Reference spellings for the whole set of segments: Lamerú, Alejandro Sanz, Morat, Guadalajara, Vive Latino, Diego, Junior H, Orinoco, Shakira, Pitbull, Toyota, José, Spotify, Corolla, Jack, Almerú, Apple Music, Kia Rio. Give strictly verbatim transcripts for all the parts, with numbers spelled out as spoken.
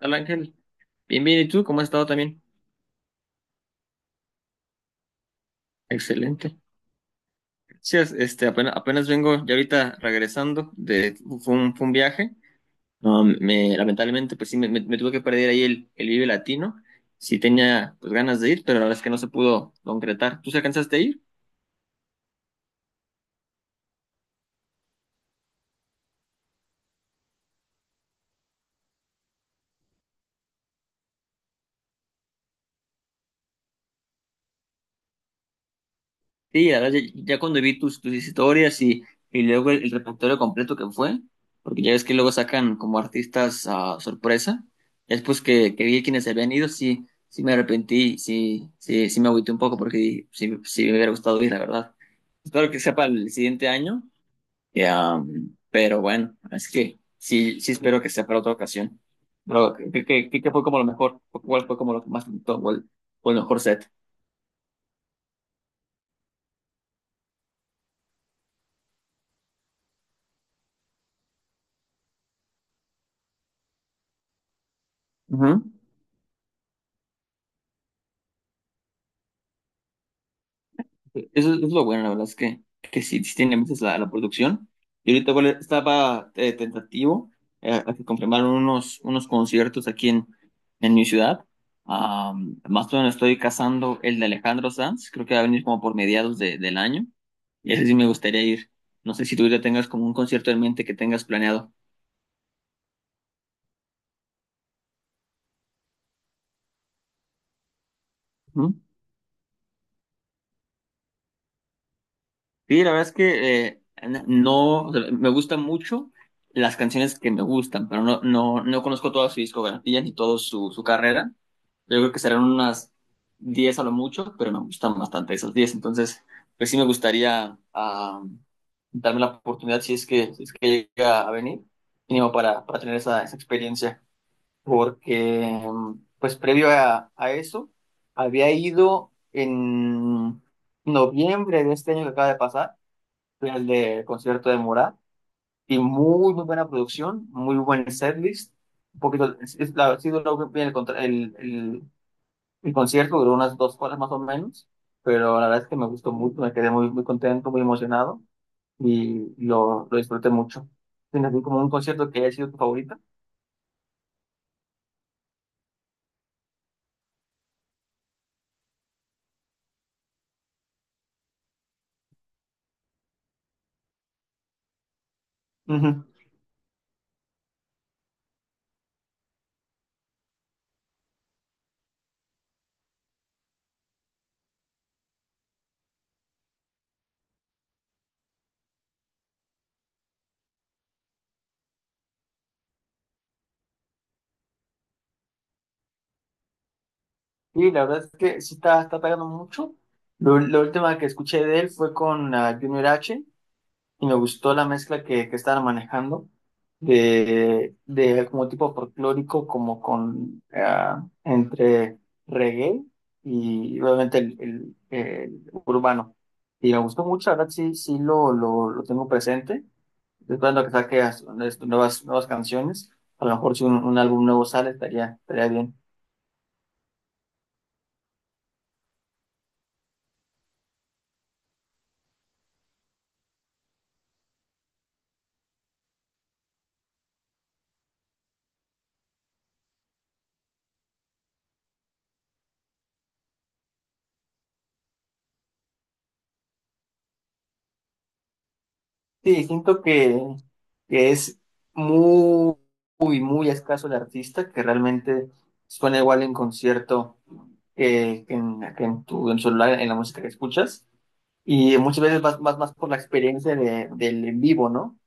Hola Ángel, bien, bien, ¿y tú? ¿Cómo has estado también? Excelente. Sí, es- este, apenas, apenas vengo ya ahorita regresando de, fue un, fue un viaje. No, me, lamentablemente, pues sí, me, me- me tuve que perder ahí el, el Vive Latino. Sí tenía, pues, ganas de ir, pero la verdad es que no se pudo concretar. ¿Tú se alcanzaste a ir? Sí, la verdad, ya, ya cuando vi tus, tus historias y, y luego el, el repertorio completo que fue, porque ya ves que luego sacan como artistas a sorpresa, ya después que, que vi quienes se habían ido, sí, sí me arrepentí, sí, sí, sí me agüité un poco porque sí, sí me hubiera gustado ir, la verdad. Espero que sea para el siguiente año, ya, um, pero bueno, es que sí, sí espero que sea para otra ocasión. Pero, ¿qué, qué, qué- qué fue como lo mejor? ¿Cuál fue como lo que más te gustó? ¿O el, o el mejor set? Ujú. Eh, Eso es lo bueno, la verdad es que, que sí, sí tiene meses la, la producción. Y ahorita igual estaba eh, tentativo eh, a que confirmaron unos, unos conciertos aquí en, en mi ciudad. Am, más o menos estoy cazando el de Alejandro Sanz, creo que va a venir como por mediados de- del año. Y ese sí me gustaría ir. No sé si tú ya tengas como un concierto en mente que tengas planeado. Sí, la verdad es que eh, no, o sea, me gustan mucho las canciones que me gustan, pero no, no, no conozco toda su discografía ni toda su, su carrera. Yo creo que serán unas diez a lo mucho, pero me gustan bastante esas diez. Entonces, pues sí me gustaría ah, darme la oportunidad si es que, si es que llega a venir, mínimo para, para tener esa, esa experiencia. Porque, pues previo a, a eso, había ido en noviembre de este año que acaba de pasar fui al de concierto de Morat y muy, muy buena producción, muy buen setlist. Un poquito, es- es- la, sí duró bien el, contra- el, el, el concierto, duró unas dos horas más o menos, pero la verdad es que me gustó mucho, me quedé muy, muy contento, muy emocionado y lo, lo disfruté mucho. ¿Tienes así como un concierto que haya sido tu favorita? Ujú. Y la verdad es que sí está, está pegando mucho. Lo, la última que escuché de él fue con ah, Junior H y me gustó la mezcla que, que estaban manejando de, de como tipo folclórico, como con ah, entre reggae y obviamente el, el- el urbano. Y me gustó mucho, la verdad sí, sí lo, lo, lo tengo presente. Estoy esperando que saque as- nuevas, nuevas canciones. A lo mejor si un, un álbum nuevo sale, estaría, estaría bien. Sí, siento que, que es muy, muy, muy escaso el artista que realmente suena igual en concierto que, que en, que en tu en celular, en la música que escuchas. Y muchas veces vas, más más por la experiencia de- del en vivo, ¿no?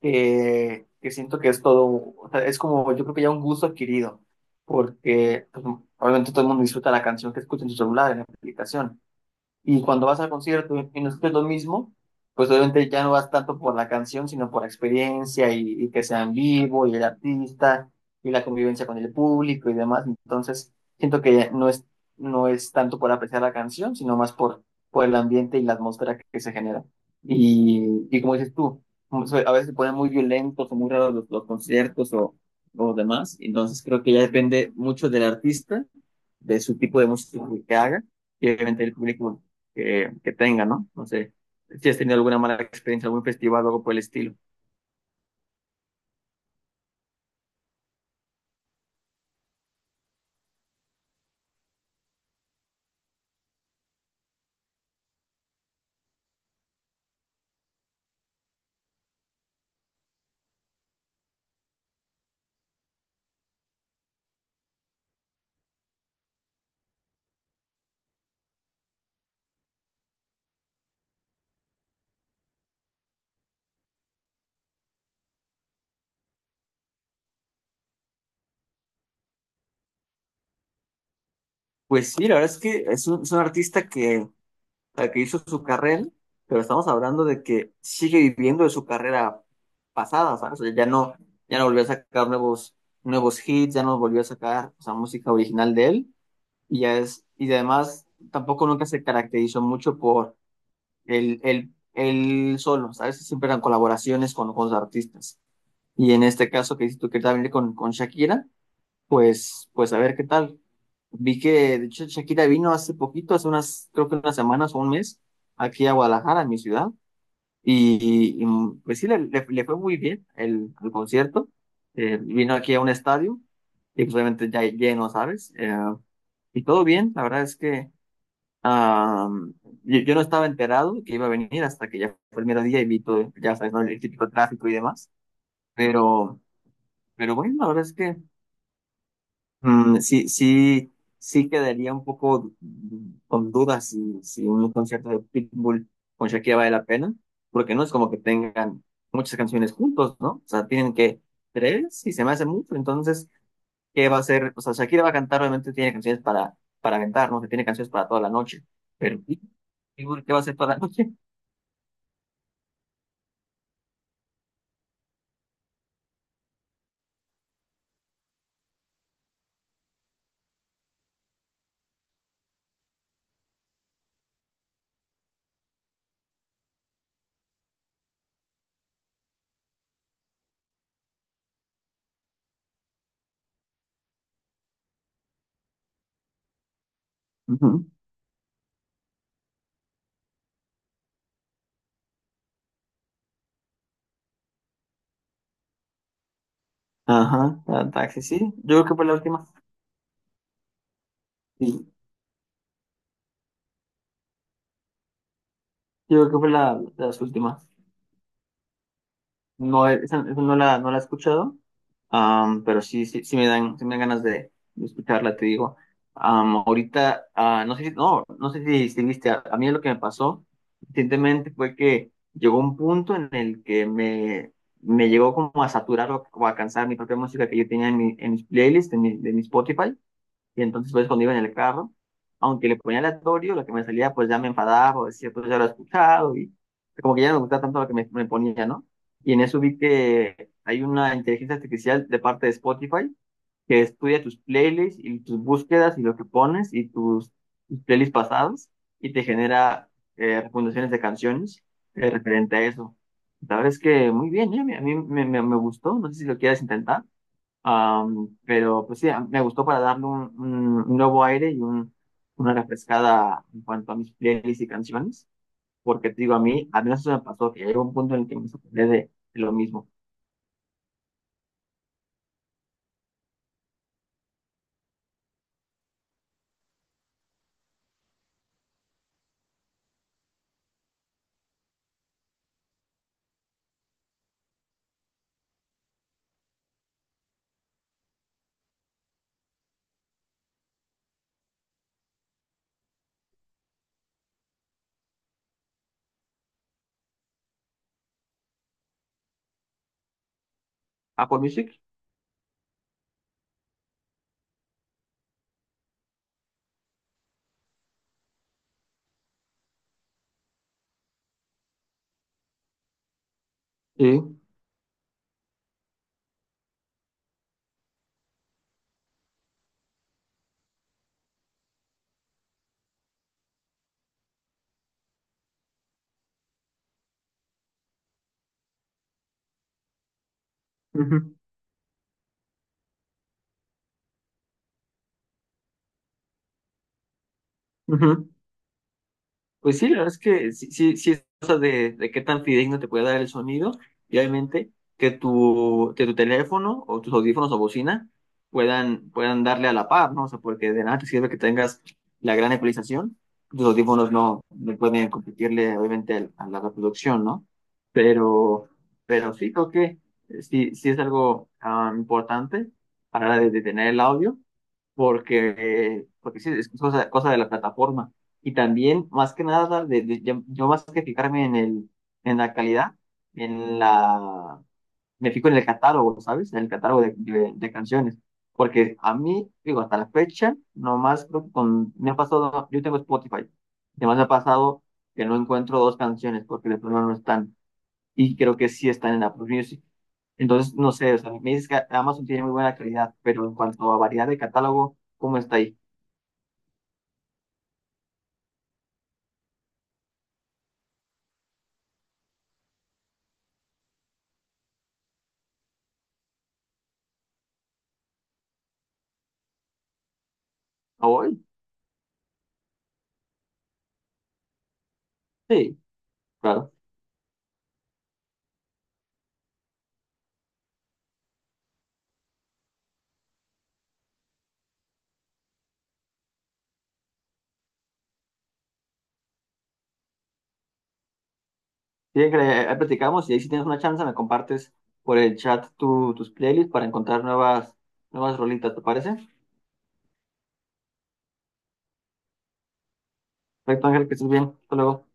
Que, que siento que es todo, o sea, es como, yo creo que ya un gusto adquirido, porque pues, obviamente todo el mundo disfruta la canción que escucha en su celular, en la aplicación y cuando vas al concierto y no escuchas lo mismo, pues obviamente ya no vas tanto por la canción, sino por la experiencia y, y que sea en vivo y el artista y la convivencia con el público y demás. Entonces, siento que no es, no es tanto por apreciar la canción, sino más por, por el ambiente y la atmósfera que, que se genera. Y, y como dices tú, como se- a veces se ponen muy violentos o muy raros los, los conciertos o, o demás. Entonces, creo que ya depende mucho del artista de su tipo de música que haga y obviamente el público que, que tenga, ¿no? No sé si has tenido alguna mala experiencia, algún festival o algo por el estilo. Pues sí, la verdad es que es un, es un artista que, o sea, que hizo su carrera, pero estamos hablando de que sigue viviendo de su carrera pasada, ¿sabes? O sea, ya no, ya no volvió a sacar nuevos, nuevos hits, ya no volvió a sacar, o sea, música original de él, y ya es, y además tampoco nunca se caracterizó mucho por él, él, él solo, ¿sabes? Siempre eran colaboraciones con, con los artistas. Y en este caso que dices tú que también con, con Shakira, pues, pues a ver qué tal. Vi que, de hecho, Shakira vino hace poquito, hace unas, creo que unas semanas o un mes, aquí a Guadalajara, en mi ciudad. Y, y, pues sí, le, le- le fue muy bien el, el concierto. Eh, vino aquí a un estadio y pues obviamente ya lleno, ¿sabes? Eh, y todo bien, la verdad es que Am, yo, yo no estaba enterado que iba a venir hasta que ya fue el mero día y vi todo, ya sabes, ¿no? El típico tráfico y demás. Pero, pero bueno, la verdad es que mm, sí, sí, sí quedaría un poco con dudas si, si un concierto de Pitbull con Shakira vale la pena, porque no es como que tengan muchas canciones juntos, ¿no? O sea, tienen que tres y se me hace mucho. Entonces, ¿qué va a hacer? O sea, Shakira va a cantar, obviamente tiene canciones para, para aventar, ¿no? Que tiene canciones para toda la noche. Pero Pitbull, ¿qué va a hacer toda la noche? Ujú. Ajá, la taxi, sí. Yo creo que fue la última. Sí, yo creo que fue la, de las últimas. No, esa, esa no la, no la he escuchado, am, pero sí, sí, sí me dan, sí me dan ganas de, de escucharla, te digo. Am, ahorita, ah, no sé si, no, no sé si, si viste, a, a mí lo que me pasó recientemente fue que llegó un punto en el que me, me llegó como a saturar o, o a cansar mi propia música que yo tenía en, mi, en mis playlists, en mi, de mi Spotify. Y entonces pues cuando iba en el carro, aunque le ponía aleatorio, lo que me salía pues ya me enfadaba o decía pues ya lo he escuchado y como que ya no me gustaba tanto lo que me, me ponía, ¿no? Y en eso vi que hay una inteligencia artificial de parte de Spotify que estudia tus playlists y tus búsquedas y lo que pones y tus, tus playlists pasados y te genera eh, recomendaciones de canciones eh, referente a eso. La verdad es que muy bien, ¿eh? A mí a mí me, me, me gustó, no sé si lo quieres intentar. Am, pero pues sí, me gustó para darle un, un- un nuevo aire y un- una refrescada en cuanto a mis playlists y canciones, porque te digo, a mí, a mí eso me pasó, que llegó un punto en el que me sorprendí de, de lo mismo. Apple Music, sí. Ujú, ujú. Pues sí, la verdad es que sí, sí, sí es cosa de, de qué tan fidedigno te puede dar el sonido y obviamente que tu, que tu teléfono o tus audífonos o bocina puedan, puedan darle a la par, ¿no? O sea, porque de nada te sirve que tengas la gran ecualización, tus audífonos no, no pueden competirle obviamente al- a la reproducción, ¿no? Pero, pero sí creo que sí, sí es algo ah, importante a la hora de, de tener el audio porque, porque sí, es cosa, cosa de la plataforma. Y también, más que nada, de, de- yo, yo más que fijarme en el, en la calidad, en la, me fijo en el catálogo, ¿sabes? En el catálogo de, de- de canciones. Porque a mí, digo, hasta la fecha, nomás creo que con, me ha pasado, yo tengo Spotify, además me ha pasado que no encuentro dos canciones porque de plano no están y creo que sí están en Apple Music. Entonces, no sé, o sea, me dices que Amazon tiene muy buena calidad, pero en cuanto a variedad de catálogo, ¿cómo está ahí? ¿A hoy? Sí, claro. Sí, que ahí platicamos y ahí si tienes una chance me compartes por el chat tu- tus playlists para encontrar nuevas, nuevas rolitas, ¿te parece? Perfecto, Ángel, que estés bien. Hasta luego.